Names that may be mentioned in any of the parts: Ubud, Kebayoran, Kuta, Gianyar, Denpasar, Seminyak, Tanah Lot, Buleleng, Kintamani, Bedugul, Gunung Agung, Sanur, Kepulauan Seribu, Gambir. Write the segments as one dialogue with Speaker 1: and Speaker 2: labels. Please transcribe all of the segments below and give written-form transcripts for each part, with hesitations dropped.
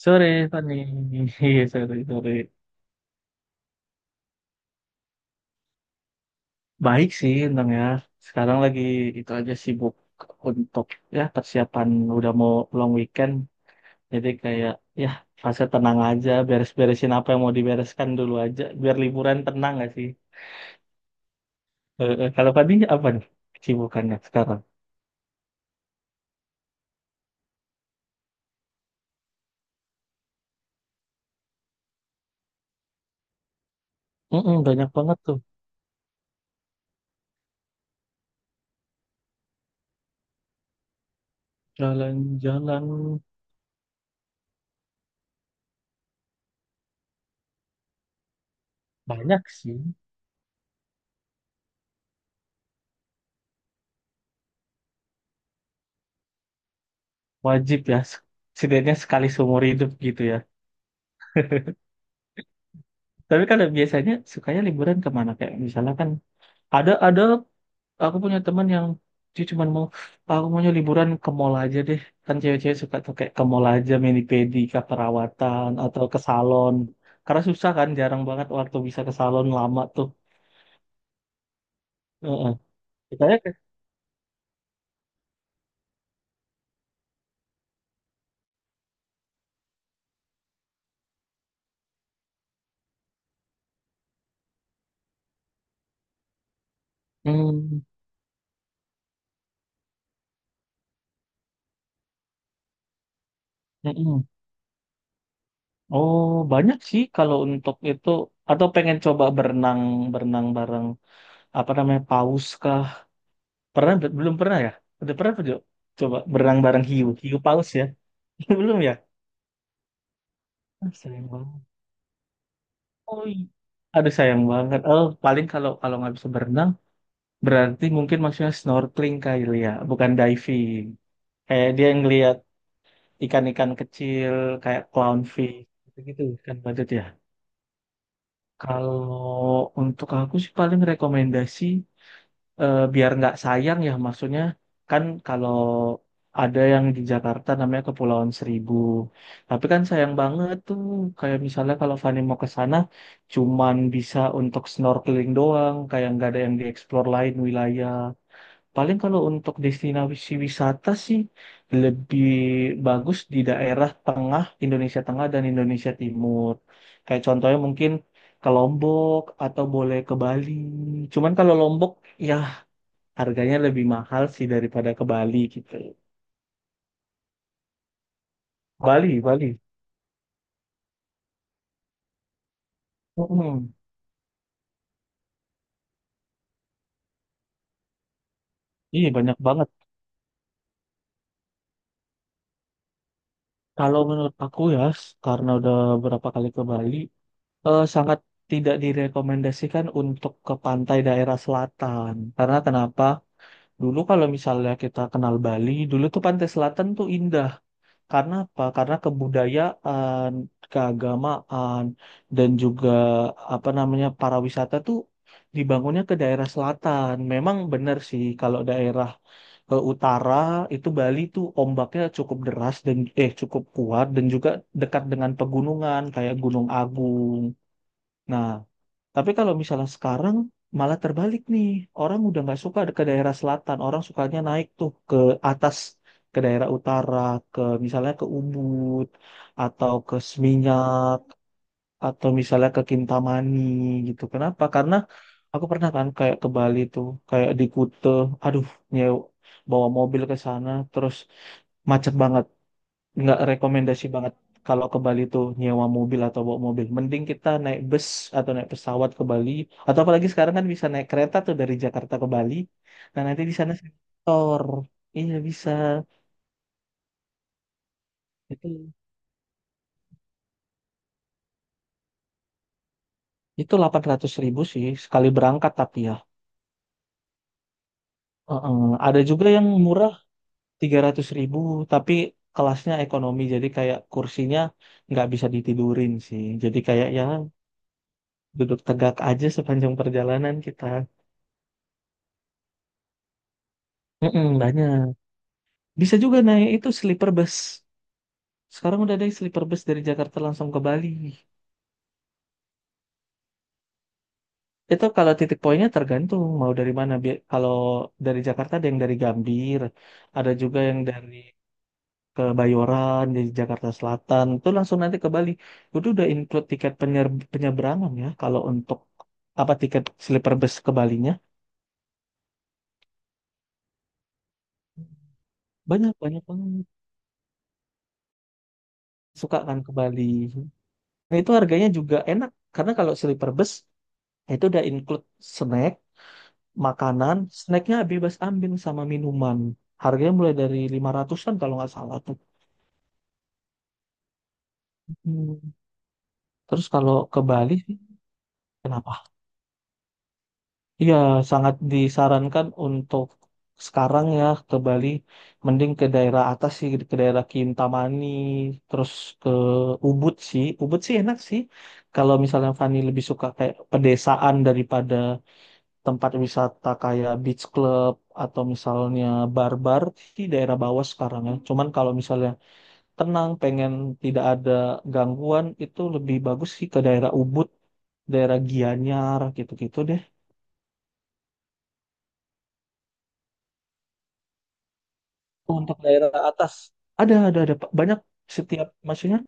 Speaker 1: Sore, Fani. Iya, sore, sore. Baik sih, Bang ya. Sekarang lagi itu aja sibuk untuk ya persiapan udah mau long weekend. Jadi kayak ya fase tenang aja, beres-beresin apa yang mau dibereskan dulu aja. Biar liburan tenang gak sih? Kalau Fani apa nih kesibukannya sekarang? Mm-mm, banyak banget tuh. Jalan-jalan banyak sih. Wajib ya, setidaknya sekali seumur hidup gitu ya. Tapi kalau biasanya sukanya liburan kemana? Kayak misalnya kan ada aku punya teman yang dia cuma mau, "Ah, aku maunya liburan ke mall aja deh. Kan cewek-cewek suka tuh kayak ke mall aja mani pedi ke perawatan atau ke salon. Karena susah kan jarang banget waktu bisa ke salon lama tuh." Heeh. Saya ke- Hmm, mm-mm. Oh, banyak sih kalau untuk itu atau pengen coba berenang berenang bareng apa namanya paus kah? Pernah belum pernah ya? Udah pernah apa, Jo? Coba berenang bareng hiu, hiu paus ya? Belum ya? Ah, sayang banget. Oh, iya. Aduh sayang banget. Oh, paling kalau kalau nggak bisa berenang, berarti mungkin maksudnya snorkeling kali ya, bukan diving. Kayak dia ngelihat ikan-ikan kecil kayak clownfish gitu-gitu kan budget ya. Kalau untuk aku sih paling rekomendasi, biar nggak sayang ya maksudnya kan kalau ada yang di Jakarta namanya Kepulauan Seribu, tapi kan sayang banget tuh kayak misalnya kalau Fani mau ke sana cuman bisa untuk snorkeling doang kayak nggak ada yang dieksplor lain wilayah. Paling kalau untuk destinasi wisata sih lebih bagus di daerah tengah Indonesia Tengah dan Indonesia Timur kayak contohnya mungkin ke Lombok atau boleh ke Bali, cuman kalau Lombok ya harganya lebih mahal sih daripada ke Bali gitu. Bali, Bali. Mm-mm. Iya banyak banget. Kalau menurut aku ya, karena udah berapa kali ke Bali, sangat tidak direkomendasikan untuk ke pantai daerah selatan. Karena kenapa? Dulu kalau misalnya kita kenal Bali, dulu tuh pantai selatan tuh indah. Karena apa? Karena kebudayaan, keagamaan, dan juga apa namanya para wisata tuh dibangunnya ke daerah selatan. Memang benar sih kalau daerah ke utara itu Bali tuh ombaknya cukup deras dan cukup kuat dan juga dekat dengan pegunungan kayak Gunung Agung. Nah, tapi kalau misalnya sekarang malah terbalik nih. Orang udah nggak suka ke daerah selatan. Orang sukanya naik tuh ke atas, ke daerah utara, ke misalnya ke Ubud, atau ke Seminyak, atau misalnya ke Kintamani gitu. Kenapa? Karena aku pernah kan kayak ke Bali tuh, kayak di Kuta, aduh nyew, bawa mobil ke sana, terus macet banget. Nggak rekomendasi banget kalau ke Bali tuh nyewa mobil atau bawa mobil. Mending kita naik bus atau naik pesawat ke Bali. Atau apalagi sekarang kan bisa naik kereta tuh dari Jakarta ke Bali. Nah nanti di sana sektor. Iya bisa. Itu itu 800.000 sih sekali berangkat tapi ya. Heeh. Ada juga yang murah 300.000, tapi kelasnya ekonomi jadi kayak kursinya nggak bisa ditidurin sih. Jadi kayak ya duduk tegak aja sepanjang perjalanan kita. Mm-mm, banyak. Bisa juga naik itu sleeper bus. Sekarang udah ada sleeper bus dari Jakarta langsung ke Bali. Itu kalau titik poinnya tergantung mau dari mana. Kalau dari Jakarta ada yang dari Gambir, ada juga yang dari Kebayoran, dari Jakarta Selatan. Itu langsung nanti ke Bali. Itu udah include tiket penyeberangan ya. Kalau untuk apa tiket sleeper bus ke Balinya. Banyak, banyak banget. Suka kan ke Bali. Nah, itu harganya juga enak. Karena kalau sleeper bus, itu udah include snack, makanan, snacknya bebas ambil sama minuman. Harganya mulai dari 500-an kalau nggak salah tuh. Hmm. Terus kalau ke Bali sih, kenapa? Iya, sangat disarankan untuk sekarang ya ke Bali, mending ke daerah atas sih, ke daerah Kintamani, terus ke Ubud sih. Ubud sih enak sih. Kalau misalnya Fani lebih suka kayak pedesaan daripada tempat wisata kayak beach club atau misalnya bar-bar di daerah bawah sekarang ya. Cuman kalau misalnya tenang, pengen tidak ada gangguan itu lebih bagus sih ke daerah Ubud, daerah Gianyar gitu-gitu deh. Untuk daerah atas ada Pak, banyak. Setiap maksudnya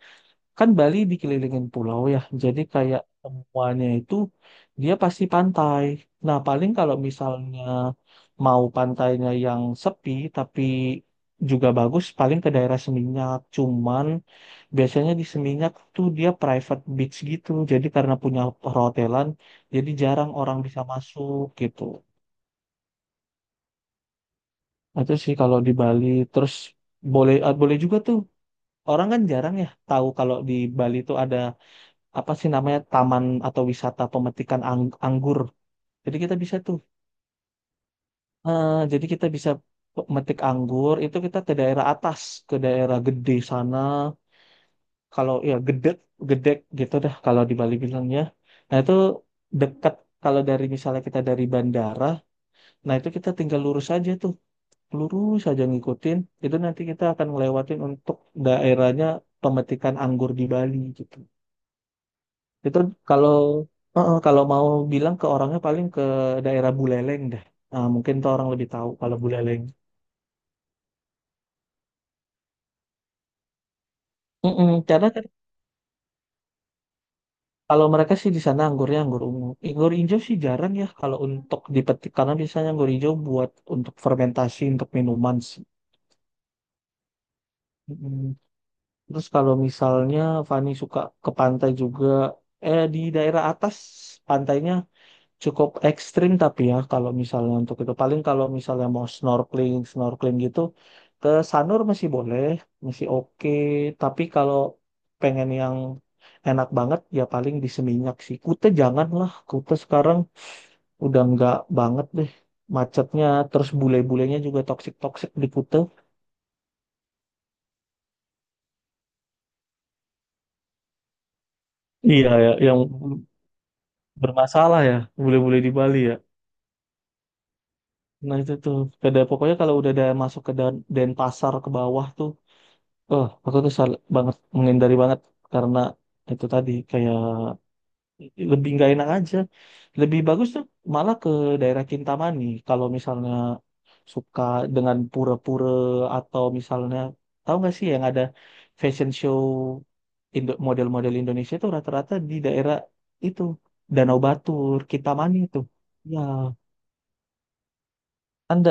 Speaker 1: kan Bali dikelilingin pulau ya, jadi kayak semuanya itu dia pasti pantai. Nah, paling kalau misalnya mau pantainya yang sepi tapi juga bagus, paling ke daerah Seminyak. Cuman biasanya di Seminyak tuh dia private beach gitu, jadi karena punya perhotelan, jadi jarang orang bisa masuk gitu. Nah, itu sih kalau di Bali, terus boleh ah, boleh juga tuh. Orang kan jarang ya tahu kalau di Bali tuh ada apa sih namanya taman atau wisata pemetikan anggur. Jadi kita bisa tuh, jadi kita bisa metik anggur itu kita ke daerah atas, ke daerah gede sana. Kalau ya gede, gedek gitu dah kalau di Bali bilangnya. Nah itu dekat kalau dari misalnya kita dari bandara, nah itu kita tinggal lurus aja tuh, lurus aja ngikutin. Itu nanti kita akan ngelewatin untuk daerahnya pemetikan anggur di Bali gitu. Itu kalau kalau mau bilang ke orangnya paling ke daerah Buleleng deh. Nah, mungkin tuh orang lebih tahu kalau Buleleng. Mm-mm, karena kan kalau mereka sih di sana anggurnya anggur ungu. Anggur hijau sih jarang ya kalau untuk dipetik karena biasanya anggur hijau buat untuk fermentasi untuk minuman sih. Mm-mm. Terus kalau misalnya Fani suka ke pantai juga, di daerah atas pantainya cukup ekstrim tapi ya kalau misalnya untuk itu paling kalau misalnya mau snorkeling snorkeling gitu ke Sanur masih boleh, masih oke, tapi kalau pengen yang enak banget ya paling di Seminyak sih. Kute jangan lah, Kute sekarang udah nggak banget deh, macetnya terus bule-bulenya juga toksik toksik di Kute. Iya ya yang bermasalah ya bule-bule di Bali ya, nah itu tuh. Pokoknya kalau udah ada masuk ke Dan Denpasar ke bawah tuh, oh, aku tuh banget menghindari banget karena itu tadi kayak lebih nggak enak aja. Lebih bagus tuh malah ke daerah Kintamani kalau misalnya suka dengan pura-pura atau misalnya tahu nggak sih yang ada fashion show, model-model Indonesia itu rata-rata di daerah itu, Danau Batur, Kintamani itu. Ya, anda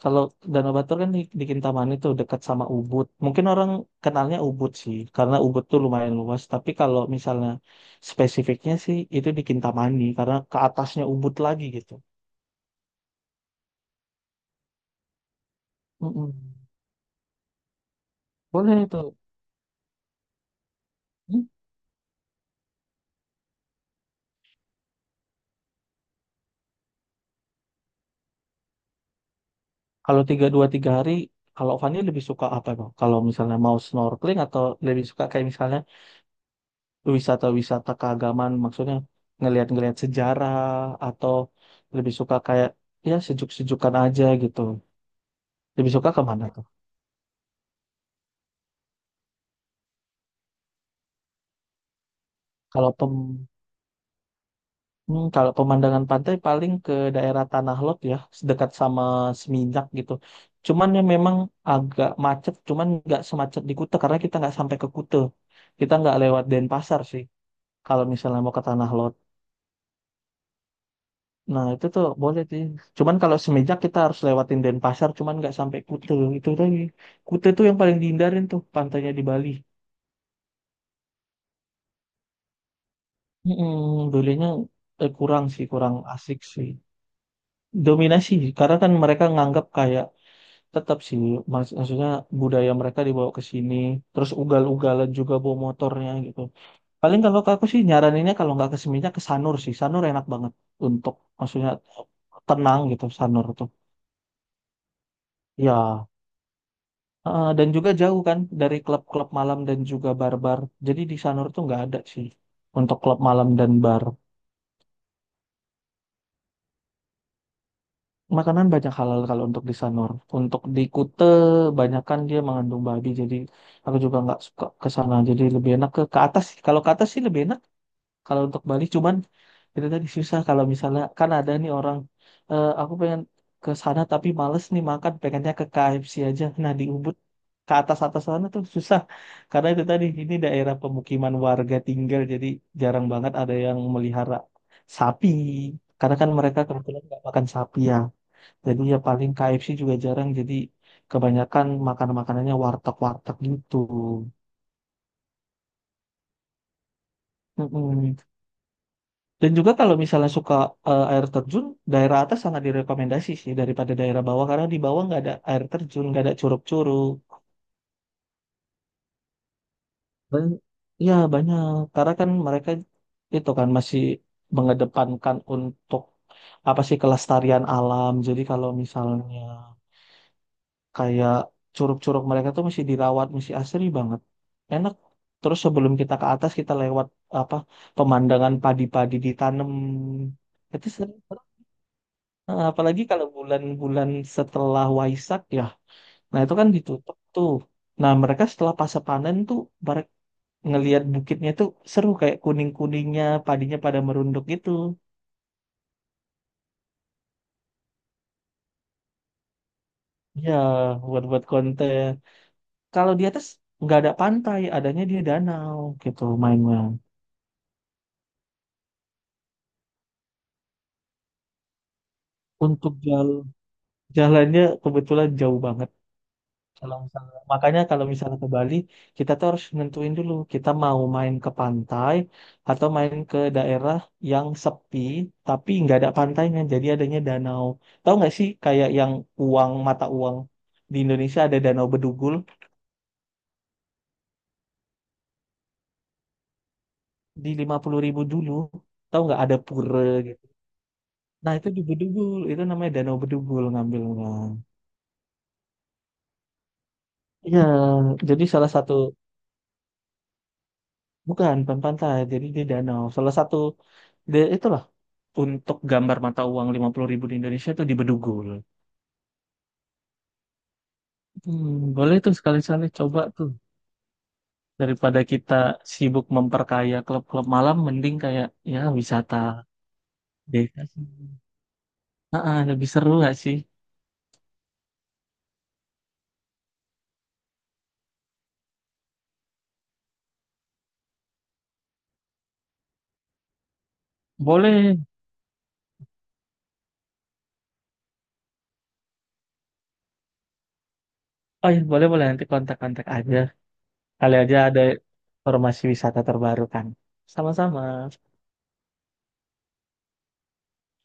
Speaker 1: kalau Danau Batur kan di Kintamani tuh dekat sama Ubud. Mungkin orang kenalnya Ubud sih, karena Ubud tuh lumayan luas. Tapi kalau misalnya spesifiknya sih itu di Kintamani, karena ke atasnya Ubud lagi gitu. Mm-mm. Boleh itu. Hmm? Kalau dua tiga hari, kalau Fani lebih suka apa kok? Kalau misalnya mau snorkeling atau lebih suka kayak misalnya wisata-wisata keagamaan, maksudnya ngelihat-ngelihat sejarah, atau lebih suka kayak ya sejuk-sejukan aja gitu. Lebih suka ke mana tuh? Kalau pem kalau pemandangan pantai paling ke daerah Tanah Lot ya, dekat sama Seminyak gitu. Cuman ya memang agak macet, cuman nggak semacet di Kuta karena kita nggak sampai ke Kuta. Kita nggak lewat Denpasar sih kalau misalnya mau ke Tanah Lot. Nah itu tuh boleh sih. Cuman kalau Seminyak kita harus lewatin Denpasar, cuman nggak sampai Kuta. Itu lagi. Kuta tuh yang paling dihindarin tuh pantainya di Bali. Hmm, Bolehnya kurang sih, kurang asik sih. Dominasi karena kan mereka nganggap kayak tetap sih, maksudnya budaya mereka dibawa ke sini terus ugal-ugalan juga bawa motornya gitu. Paling kalau ke aku sih nyaraninnya kalau nggak ke Seminyak ke Sanur sih. Sanur enak banget untuk maksudnya tenang gitu. Sanur tuh ya, dan juga jauh kan dari klub-klub malam dan juga bar-bar, jadi di Sanur tuh nggak ada sih untuk klub malam dan bar. Makanan banyak halal kalau untuk di Sanur. Untuk di Kute, banyakkan dia mengandung babi. Jadi aku juga nggak suka ke sana. Jadi lebih enak ke atas sih. Kalau ke atas sih lebih enak. Kalau untuk Bali cuman itu tadi susah. Kalau misalnya kan ada nih orang, "Eh, aku pengen ke sana tapi males nih makan. Pengennya ke KFC aja." Nah di Ubud ke atas atas sana tuh susah. Karena itu tadi ini daerah pemukiman warga tinggal. Jadi jarang banget ada yang melihara sapi. Karena kan mereka kebetulan nggak makan sapi ya. Jadi ya paling KFC juga jarang. Jadi kebanyakan makan-makanannya warteg-warteg gitu. Mm-mm. Dan juga kalau misalnya suka air terjun, daerah atas sangat direkomendasi sih daripada daerah bawah karena di bawah nggak ada air terjun, nggak ada curug-curug. Ban- ya banyak karena kan mereka itu kan masih mengedepankan untuk apa sih kelestarian alam. Jadi kalau misalnya kayak curug-curug mereka tuh masih dirawat, masih asri banget. Enak. Terus sebelum kita ke atas kita lewat apa pemandangan padi-padi ditanam. Itu seru. Nah, apalagi kalau bulan-bulan setelah Waisak ya. Nah, itu kan ditutup tuh. Nah, mereka setelah pasca panen tuh mereka ngelihat bukitnya tuh seru kayak kuning-kuningnya, padinya pada merunduk gitu. Ya, buat-buat konten. Kalau di atas nggak ada pantai, adanya dia danau gitu mainnya. Untuk jalan Jalannya kebetulan jauh banget. Kalau misalnya, makanya kalau misalnya ke Bali, kita tuh harus nentuin dulu kita mau main ke pantai atau main ke daerah yang sepi tapi nggak ada pantainya. Jadi adanya danau. Tahu nggak sih kayak yang mata uang di Indonesia ada danau Bedugul di 50.000 dulu. Tahu nggak ada pura gitu. Nah itu di Bedugul itu namanya danau Bedugul ngambilnya. Iya, jadi salah satu bukan bukan pantai, jadi di danau. Salah satu itulah untuk gambar mata uang 50.000 di Indonesia itu di Bedugul. Boleh tuh sekali-sekali coba tuh. Daripada kita sibuk memperkaya klub-klub malam, mending kayak ya wisata desa sih. Ah, ah, lebih seru gak sih? Boleh. Oh iya, boleh boleh nanti kontak-kontak aja. Kali aja ada informasi wisata terbaru kan. Sama-sama.